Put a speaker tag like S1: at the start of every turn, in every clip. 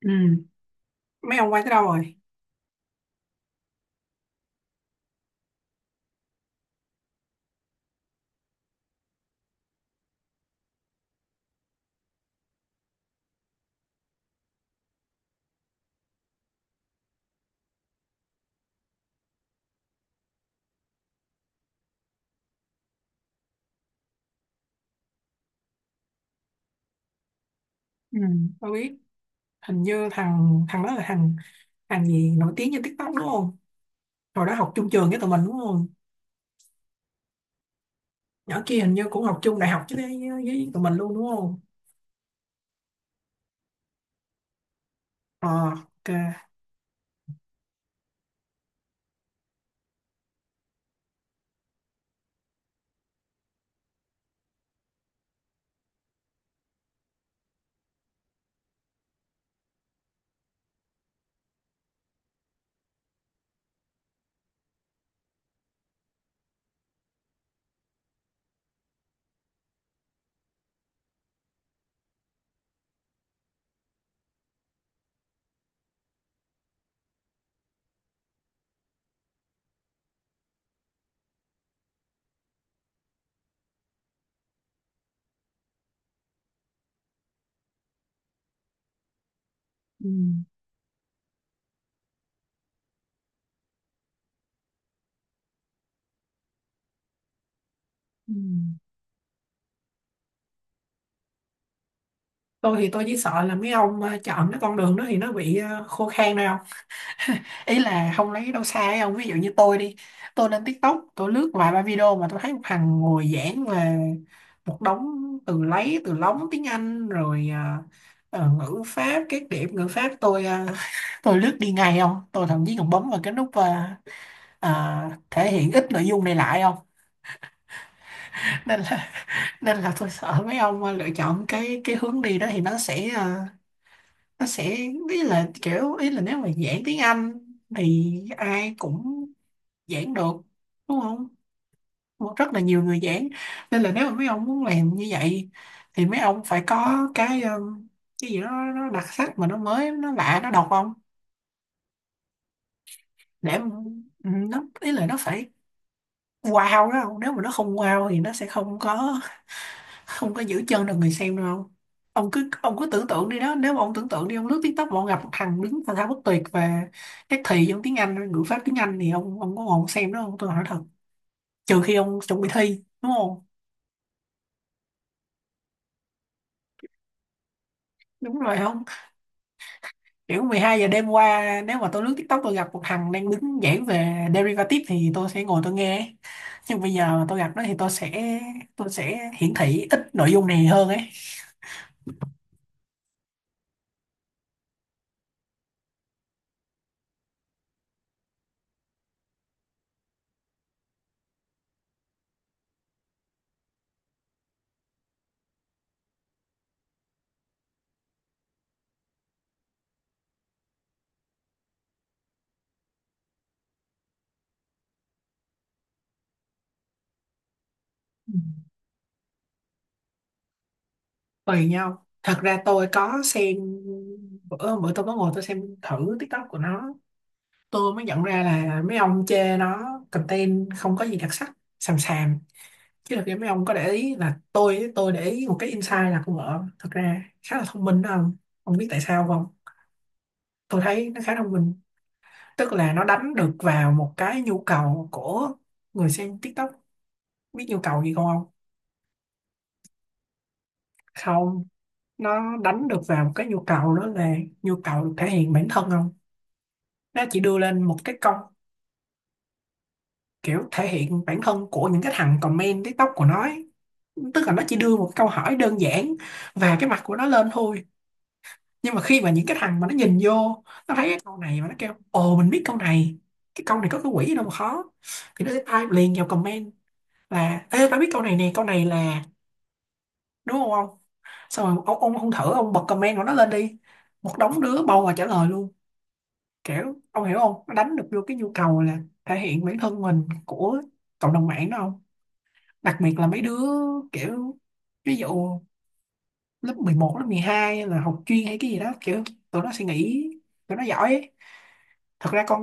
S1: Ừ. Mấy ông quay tới đâu rồi? Ừ. Tôi biết, hình như thằng thằng đó là thằng thằng gì nổi tiếng trên TikTok đúng không? Hồi đó học chung trường với tụi mình đúng không? Nhỏ kia hình như cũng học chung đại học chứ với tụi mình luôn đúng không? Ờ, ok. Ừ. Ừ. Tôi thì tôi chỉ sợ là mấy ông chọn cái con đường đó thì nó bị khô khan thôi. Ý là không lấy đâu xa ấy không, ví dụ như tôi đi, tôi lên TikTok, tôi lướt vài ba video mà tôi thấy một thằng ngồi giảng về một đống từ, lấy từ lóng tiếng Anh rồi. Ngữ pháp, các điểm ngữ pháp tôi. Tôi lướt đi ngay không, tôi thậm chí còn bấm vào cái nút, thể hiện ít nội dung này lại không. nên là nên là tôi sợ mấy ông lựa chọn cái hướng đi đó thì nó sẽ. Nó sẽ, ý là, nếu mà giảng tiếng Anh thì ai cũng giảng được đúng không? Cũng rất là nhiều người giảng. Nên là nếu mà mấy ông muốn làm như vậy thì mấy ông phải có cái gì đó nó đặc sắc, mà nó mới, nó lạ, nó độc ông. Để nó, ý là nó phải wow đó không? Nếu mà nó không wow thì nó sẽ không có, không có giữ chân được người xem đâu ông. Ông cứ tưởng tượng đi đó, nếu mà ông tưởng tượng đi, ông lướt TikTok mà ông gặp một thằng đứng thao thao bất tuyệt về các thì trong tiếng Anh, ngữ pháp tiếng Anh, thì ông có ngồi ông xem đó không, tôi hỏi thật? Trừ khi ông chuẩn bị thi đúng không? Đúng rồi không? Kiểu 12 giờ đêm qua, nếu mà tôi lướt TikTok tôi gặp một thằng đang đứng giảng về derivative thì tôi sẽ ngồi tôi nghe, nhưng bây giờ mà tôi gặp nó thì tôi sẽ hiển thị ít nội dung này hơn ấy. Ừ. Tùy nhau, thật ra tôi có xem, bữa bữa tôi có ngồi tôi xem thử TikTok của nó, tôi mới nhận ra là mấy ông chê nó content không có gì đặc sắc, xàm xàm, chứ thật ra mấy ông có để ý là tôi để ý một cái insight là con vợ thật ra khá là thông minh đó không? Ông biết tại sao không? Tôi thấy nó khá thông minh, tức là nó đánh được vào một cái nhu cầu của người xem TikTok. Biết nhu cầu gì không? Không, không. Nó đánh được vào một cái nhu cầu đó là nhu cầu được thể hiện bản thân không. Nó chỉ đưa lên một cái câu kiểu thể hiện bản thân của những cái thằng comment TikTok của nó ấy. Tức là nó chỉ đưa một câu hỏi đơn giản và cái mặt của nó lên thôi, nhưng mà khi mà những cái thằng mà nó nhìn vô nó thấy cái câu này mà nó kêu ồ mình biết câu này, cái câu này có cái quỷ gì đâu mà khó, thì nó sẽ type liền vào comment là ê tao biết câu này nè, câu này là, đúng không ông? Xong rồi ông không thử ông bật comment của nó lên đi, một đống đứa bầu và trả lời luôn. Kiểu ông hiểu không, nó đánh được vô cái nhu cầu là thể hiện bản thân mình của cộng đồng mạng đó không? Đặc biệt là mấy đứa kiểu, ví dụ lớp 11 lớp 12 là học chuyên hay cái gì đó, kiểu tụi nó suy nghĩ tụi nó giỏi ấy. Thật ra con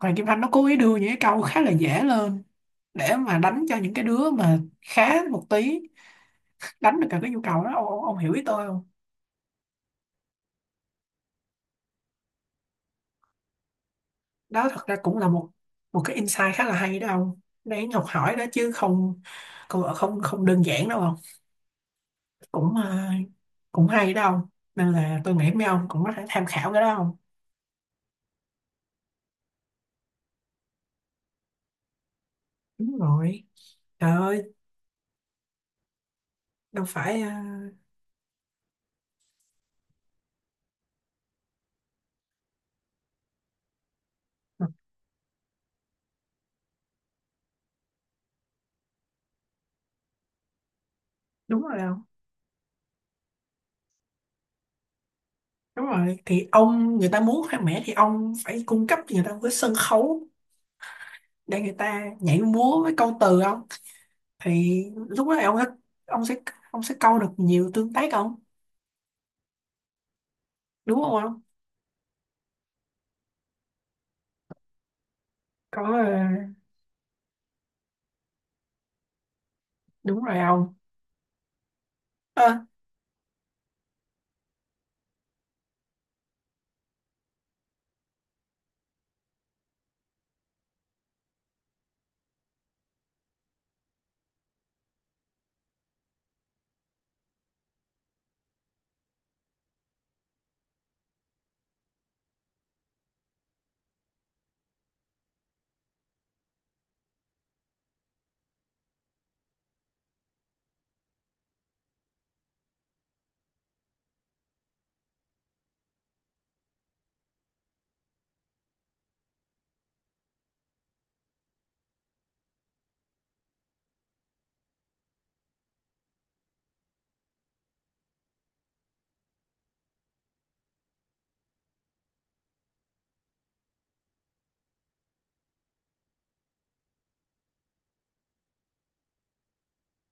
S1: Hoàng Kim Thanh nó cố ý đưa những cái câu khá là dễ lên để mà đánh cho những cái đứa mà khá một tí, đánh được cả cái nhu cầu đó ông hiểu ý tôi không? Đó thật ra cũng là một, cái insight khá là hay đó ông, đáng học hỏi đó chứ không? Không không, không đơn giản đâu không. Cũng cũng hay đó ông. Nên là tôi nghĩ mấy ông cũng có thể tham khảo cái đó không? Đúng rồi. Trời ơi. Đâu phải ờ, đúng rồi đâu. Đúng rồi, thì ông, người ta muốn khoe mẽ thì ông phải cung cấp cho người ta một cái sân khấu để người ta nhảy múa với câu từ không. Thì lúc đó ông sẽ, ông sẽ ông sẽ câu được nhiều tương tác không, đúng không ông? Có đúng rồi ông. Ơ.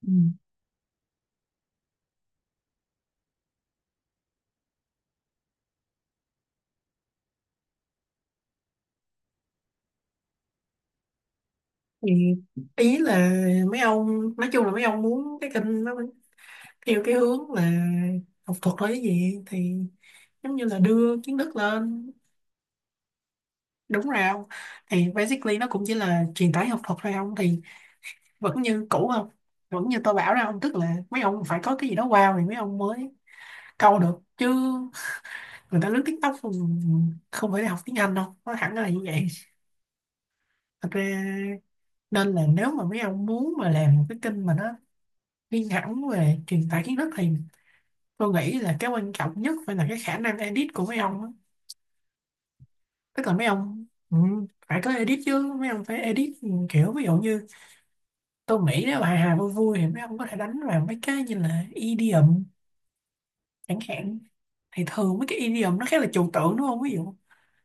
S1: Ừ. Thì ý là mấy ông nói chung là mấy ông muốn cái kênh nó theo cái hướng là học thuật hay cái gì thì giống như là đưa kiến thức lên. Đúng rồi ông, thì basically nó cũng chỉ là truyền tải học thuật thôi ông, thì vẫn như cũ không, vẫn như tôi bảo ra ông, tức là mấy ông phải có cái gì đó wow thì mấy ông mới câu được chứ. Người ta lướt TikTok không, không phải học tiếng Anh đâu nó hẳn là như vậy, thật ra. Nên là nếu mà mấy ông muốn mà làm một cái kênh mà nó riêng hẳn về truyền tải kiến thức thì tôi nghĩ là cái quan trọng nhất phải là cái khả năng edit của mấy ông á. Tức là mấy ông phải có edit chứ, mấy ông phải edit, kiểu ví dụ như, tôi nghĩ nếu hài hài vui vui thì mấy ông có thể đánh vào mấy cái như là idiom chẳng hạn. Thì thường mấy cái idiom nó khá là trừu tượng đúng không, ví dụ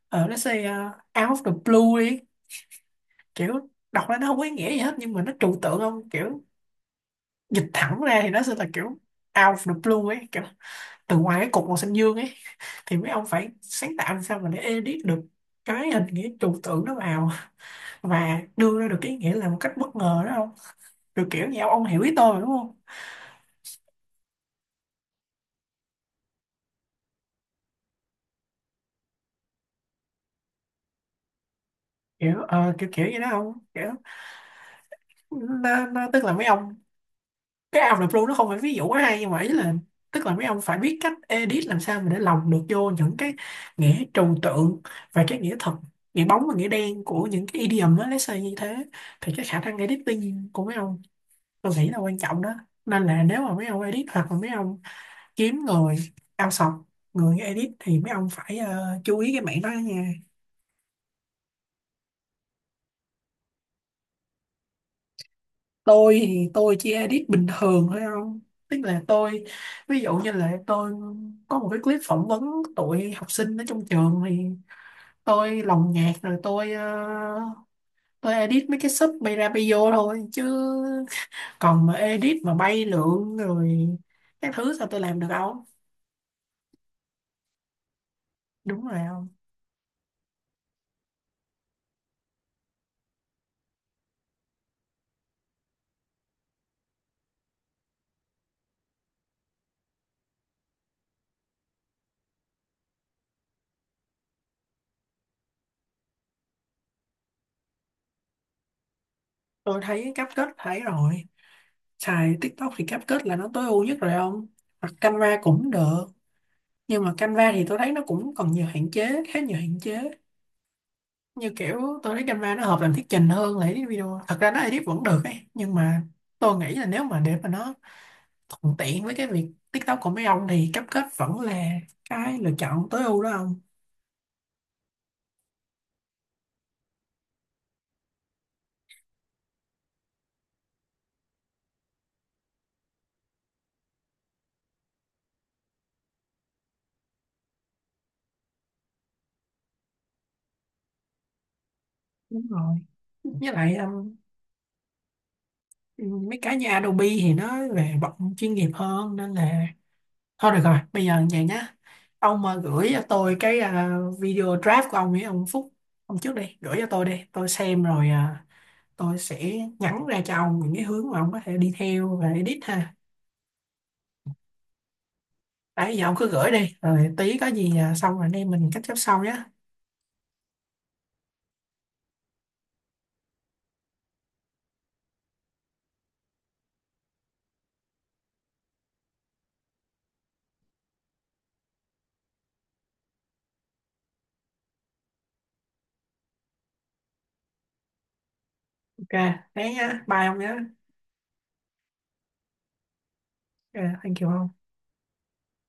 S1: nó say out of the blue đi, kiểu đọc ra nó không có ý nghĩa gì hết nhưng mà nó trừu tượng không, kiểu dịch thẳng ra thì nó sẽ là kiểu out of the blue ấy, kiểu từ ngoài cái cục màu xanh dương ấy, thì mấy ông phải sáng tạo làm sao mà để edit được cái hình nghĩa trừu tượng nó vào và đưa ra được cái ý nghĩa là một cách bất ngờ đó không? Kiểu kiểu như ông hiểu ý tôi mà, đúng không? Kiểu kiểu kiểu như đó không, kiểu tức là mấy ông, cái Out of the Blue nó không phải ví dụ quá hay nhưng mà ý là, tức là mấy ông phải biết cách edit làm sao mà để lồng được vô những cái nghĩa trừu tượng và cái nghĩa thật, nghĩa bóng và nghĩa đen của những cái idiom á, lấy như thế, thì cái khả năng editing của mấy ông tôi nghĩ là quan trọng đó. Nên là nếu mà mấy ông edit hoặc là mấy ông kiếm người outsource người edit thì mấy ông phải chú ý cái mảng đó nha. Tôi thì tôi chỉ edit bình thường thôi không, tức là tôi, ví dụ như là tôi có một cái clip phỏng vấn tụi học sinh ở trong trường, thì tôi lồng nhạc rồi tôi edit mấy cái sub bay ra bay vô thôi, chứ còn mà edit mà bay lượn rồi các thứ sao tôi làm được không. Đúng rồi không? Tôi thấy cáp kết thấy rồi, xài TikTok thì CapCut là nó tối ưu nhất rồi ông, hoặc Canva cũng được. Nhưng mà Canva thì tôi thấy nó cũng còn nhiều hạn chế, khá nhiều hạn chế, như kiểu tôi thấy Canva nó hợp làm thuyết trình hơn là edit video, thật ra nó edit vẫn được ấy nhưng mà tôi nghĩ là nếu mà để mà nó thuận tiện với cái việc TikTok của mấy ông thì CapCut vẫn là cái lựa chọn tối ưu đó ông. Đúng rồi. Với lại mấy cái như Adobe thì nó về bọn chuyên nghiệp hơn nên là, thôi được rồi, bây giờ vậy nhá. Ông mà gửi cho tôi cái video draft của ông ấy, ông Phúc, ông trước đi, gửi cho tôi đi. Tôi xem rồi tôi sẽ nhắn ra cho ông những cái hướng mà ông có thể đi theo và edit ha. Đấy, giờ ông cứ gửi đi, rồi tí có gì xong rồi anh em mình catch up sau nhá. Ok, thế nhá, bye ông nhá. Ok, thank you ông.